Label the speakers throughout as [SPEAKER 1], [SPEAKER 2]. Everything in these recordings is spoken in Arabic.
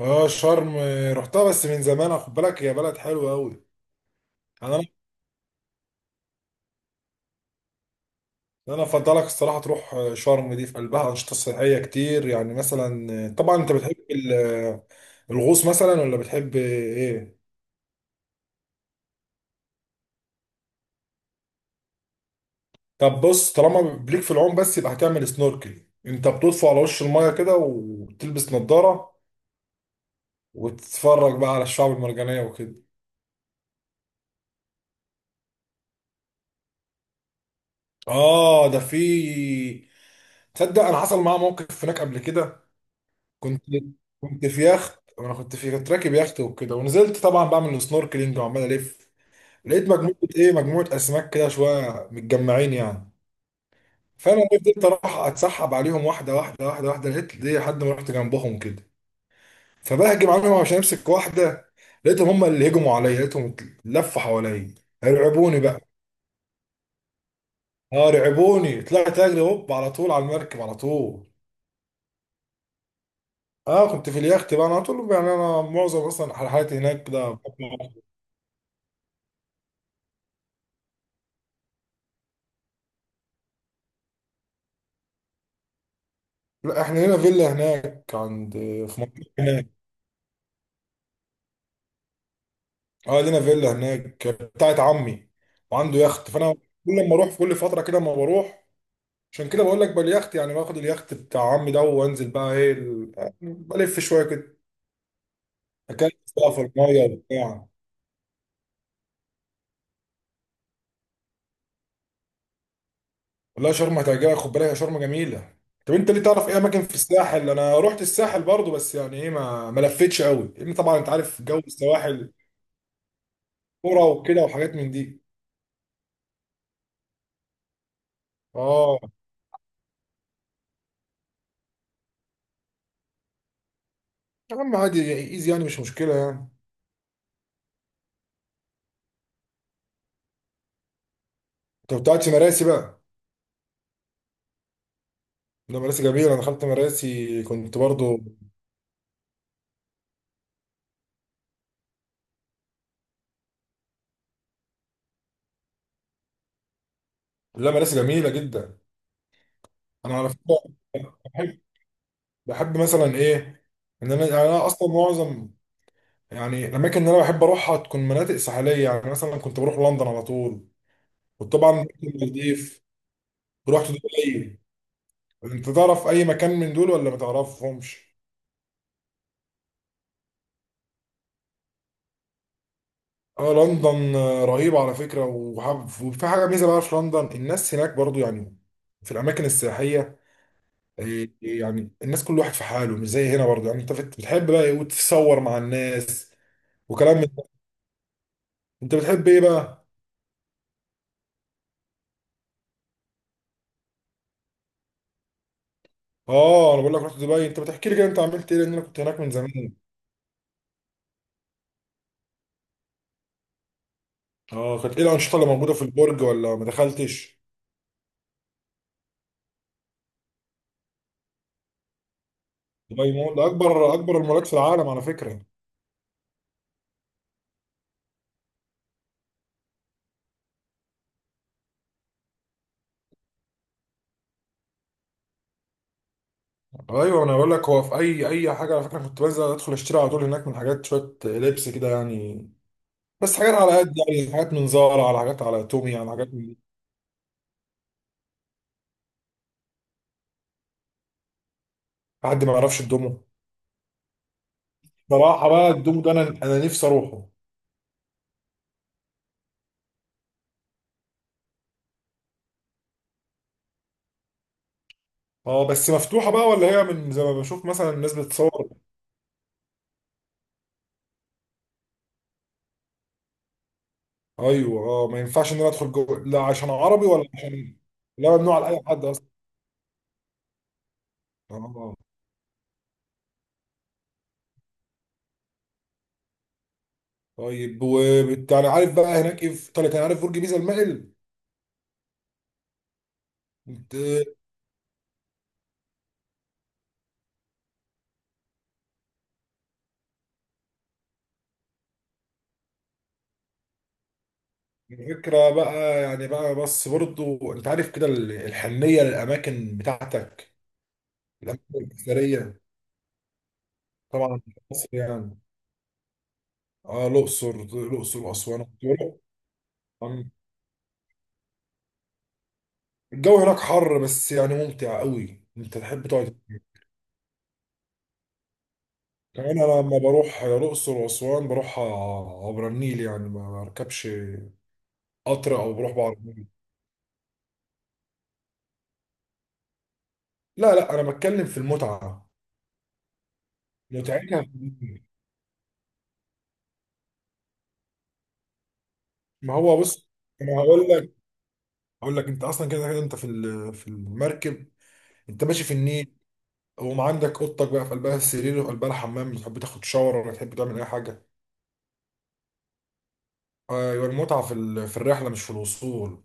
[SPEAKER 1] اه شرم رحتها بس من زمان، خد بالك هي بلد حلوه قوي. انا انا افضلك الصراحه تروح شرم دي في قلبها انشطه سياحيه كتير، يعني مثلا طبعا انت بتحب الغوص مثلا ولا بتحب ايه؟ طب بص، طالما بليك في العوم بس، يبقى هتعمل سنوركل، انت بتطفو على وش المايه كده وتلبس نظاره وتتفرج بقى على الشعب المرجانيه وكده. اه ده في. تصدق انا حصل معايا موقف هناك قبل كده. كنت كنت في يخت، وانا كنت راكب يخت وكده، ونزلت طبعا بعمل سنوركلينج وعمال الف. لقيت مجموعه مجموعه اسماك كده شويه متجمعين يعني. فانا فضلت اروح اتسحب عليهم واحده واحده واحده واحده، لقيت ليه لحد ما رحت جنبهم كده، فبهجم عليهم عشان امسك واحده. لقيتهم هم اللي هجموا عليا، لقيتهم لفوا حواليا، رعبوني بقى. اه رعبوني، طلعت اجري هوب على طول على المركب على طول. اه كنت في اليخت بقى، انا على طول يعني، انا معظم اصلا رحلاتي هناك كده. لا احنا لنا فيلا هناك عند، في منطقة هناك، اه لنا فيلا هناك بتاعت عمي، وعنده يخت. فانا كل ما اروح في كل فترة كده ما بروح. عشان كده بقول لك باليخت، يعني باخد اليخت بتاع عمي ده وانزل بقى ايه بلف شوية كده، اكلم بقى في المية وبتاع. والله شرم هتعجبك، خد بالك يا شرم جميلة. طب انت ليه، تعرف ايه اماكن في الساحل؟ انا رحت الساحل برضو بس يعني ايه، ما لفتش قوي، لان طبعا انت عارف جو السواحل، كرة وكده وحاجات من دي. اه يا عم عادي، ايزي يعني، مش مشكلة يعني. انت كنت قاعد في مراسي بقى؟ ده مراسي جميله، انا دخلت مراسي كنت برضو. لا مراسي جميله جدا. انا على فكره بحب بحب مثلا ايه، ان انا يعني انا اصلا معظم يعني، الاماكن اللي انا بحب اروحها تكون مناطق ساحليه، يعني مثلا كنت بروح لندن على طول. وطبعا رحت المالديف، ورحت دبي. انت تعرف اي مكان من دول ولا ما تعرفهمش؟ اه لندن رهيبه على فكره، وحب، وفي حاجه ميزه بقى في لندن، الناس هناك برضو يعني في الاماكن السياحيه، إيه- إيه يعني، الناس كل واحد في حاله، مش زي هنا برضه. يعني انت بتحب بقى ايه وتتصور مع الناس وكلام من ده. انت بتحب ايه بقى؟ اه انا بقول لك رحت دبي، انت بتحكي لي كده انت عملت ايه، لان انا كنت هناك من زمان. اه كانت ايه الانشطه اللي موجوده في البرج ولا ما دخلتش؟ دبي مول ده اكبر المولات في العالم على فكره. ايوه انا بقول لك هو في اي حاجه على فكره، كنت بنزل ادخل اشتري على طول هناك من حاجات شويه لبس كده يعني، بس حاجات على قد يعني، حاجات من زارا، على حاجات على تومي، على حاجات من. حد ما يعرفش الدومو؟ صراحة بقى الدومو ده انا نفسي اروحه. اه بس مفتوحة بقى ولا هي من زي ما بشوف مثلا الناس بتصور؟ ايوه اه ما ينفعش ان انا ادخل جوه، لا عشان عربي ولا عشان؟ لا ممنوع على اي حد اصلا. اه طيب، يعني عارف بقى هناك ايه في ايطاليا كان، عارف برج بيزا المائل؟ انت الفكرة بقى يعني بس برضو انت عارف كده الحنية للاماكن بتاعتك، الاماكن الاثرية طبعا في مصر يعني. اه الاقصر، واسوان. الجو هناك حر بس يعني ممتع قوي، انت تحب تقعد هناك. كمان انا لما بروح الاقصر واسوان بروح عبر النيل، يعني ما بركبش قطر او بروح بعربيه. لا لا انا بتكلم في المتعه، متعتها في النيل. ما هو بص، انا هقول لك، انت اصلا كده كده، انت في في المركب، انت ماشي في النيل، وما عندك اوضتك بقى في قلبها السرير وفي قلبها الحمام، بتحب تاخد شاور ولا تحب تعمل اي حاجه. ايوه المتعه في في الرحله مش في الوصول.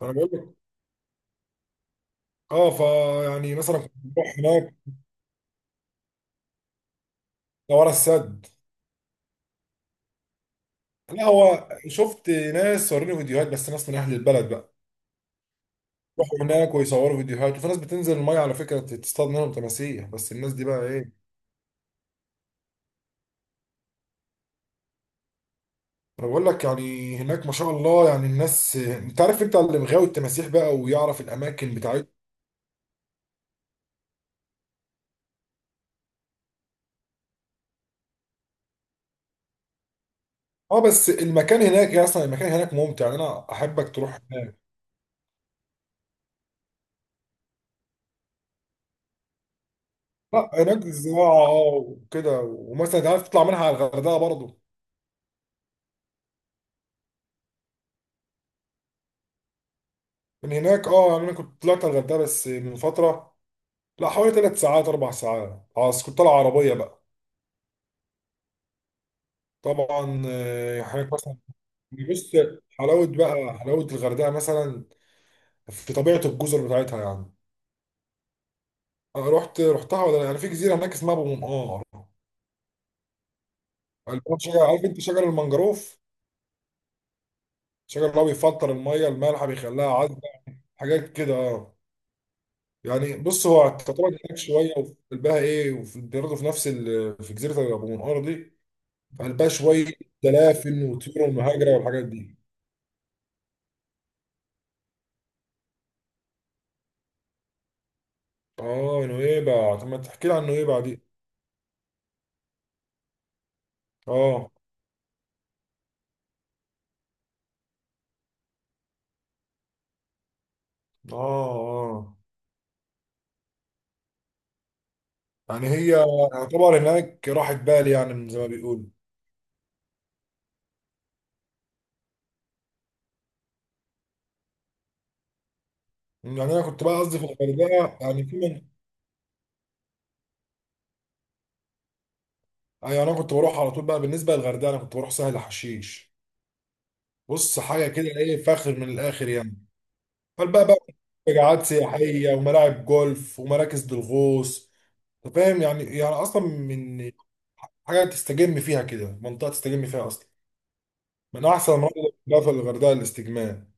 [SPEAKER 1] فانا بقول لك اه، فيعني مثلا كنت بروح هناك. ده ورا السد. لا هو شفت ناس صوروني فيديوهات بس، ناس من اهل البلد بقى يروحوا هناك ويصوروا فيديوهات، وفي ناس بتنزل الميه على فكره تصطاد منهم تماسيح، بس الناس دي بقى ايه. انا بقول لك يعني هناك ما شاء الله، يعني الناس انت عارف، انت اللي مغاوي التماسيح بقى ويعرف الاماكن بتاعتهم. اه بس المكان هناك يا، اصلا المكان هناك ممتع يعني، انا احبك تروح هناك. لا هناك زراعه اه وكده، ومثلا انت عارف تطلع منها على الغردقه برضه. من هناك اه، يعني انا كنت طلعت على الغردقه بس من فتره. لا حوالي 3 ساعات 4 ساعات، خلاص كنت طالع عربيه بقى. طبعا هناك مثلا، بص، حلاوه الغردقه مثلا، في طبيعه الجزر بتاعتها يعني. انا رحتها ولا لا؟ انا في جزيره هناك اسمها ابو منقار، البلد شجر، عارف انت شجر المانجروف؟ شجر اللي هو بيفلتر الميه المالحه بيخليها عذبه، حاجات كده آه. يعني بص هو تعتبر هناك شويه، وفي قلبها ايه، وفي برضه في نفس في جزيره ابو منقار دي في قلبها شويه دلافن وطيور المهاجره والحاجات دي. اه نويبع، طب ما تحكي لي عن نويبع دي. اه اه اه. يعني هي يعتبر هناك راحة بال، يعني من زي ما بيقولوا. يعني انا كنت بقى قصدي في الغردقة يعني في من، يعني انا كنت بروح على طول بقى، بالنسبة للغردقة انا كنت بروح سهل حشيش. بص حاجة كده ايه فاخر من الاخر يعني. فالبقى مجاعات سياحية وملاعب جولف ومراكز للغوص. أنت فاهم يعني، يعني اصلا من حاجة تستجم فيها كده، منطقة تستجم فيها اصلا، من احسن المناطق اللي بقى في الغردقة الاستجمام.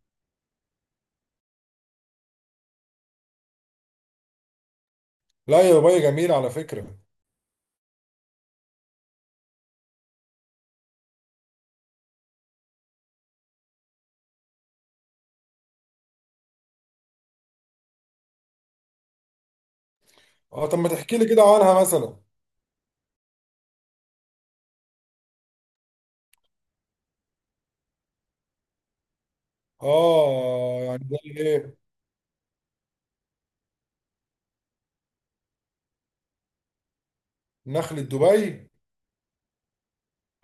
[SPEAKER 1] لا يا دبي جميلة على فكرة. اه طب ما تحكي لي كده عنها مثلا. اه يعني زي ايه؟ نخلة دبي،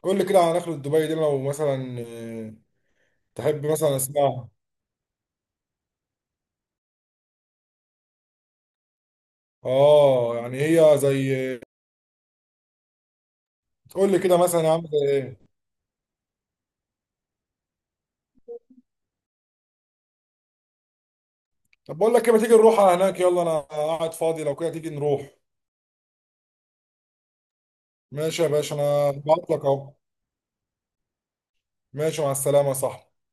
[SPEAKER 1] قول لي كده على نخلة دبي دي لو مثلا تحب مثلا اسمعها. اه يعني هي زي، قول لي كده مثلا يا عم زي. طب بقول لك ايه، ما تيجي نروح على هناك، يلا انا قاعد فاضي، لو كده تيجي نروح. ماشي يا باشا انا بعت لك اهو. ماشي مع السلامة يا صاحبي.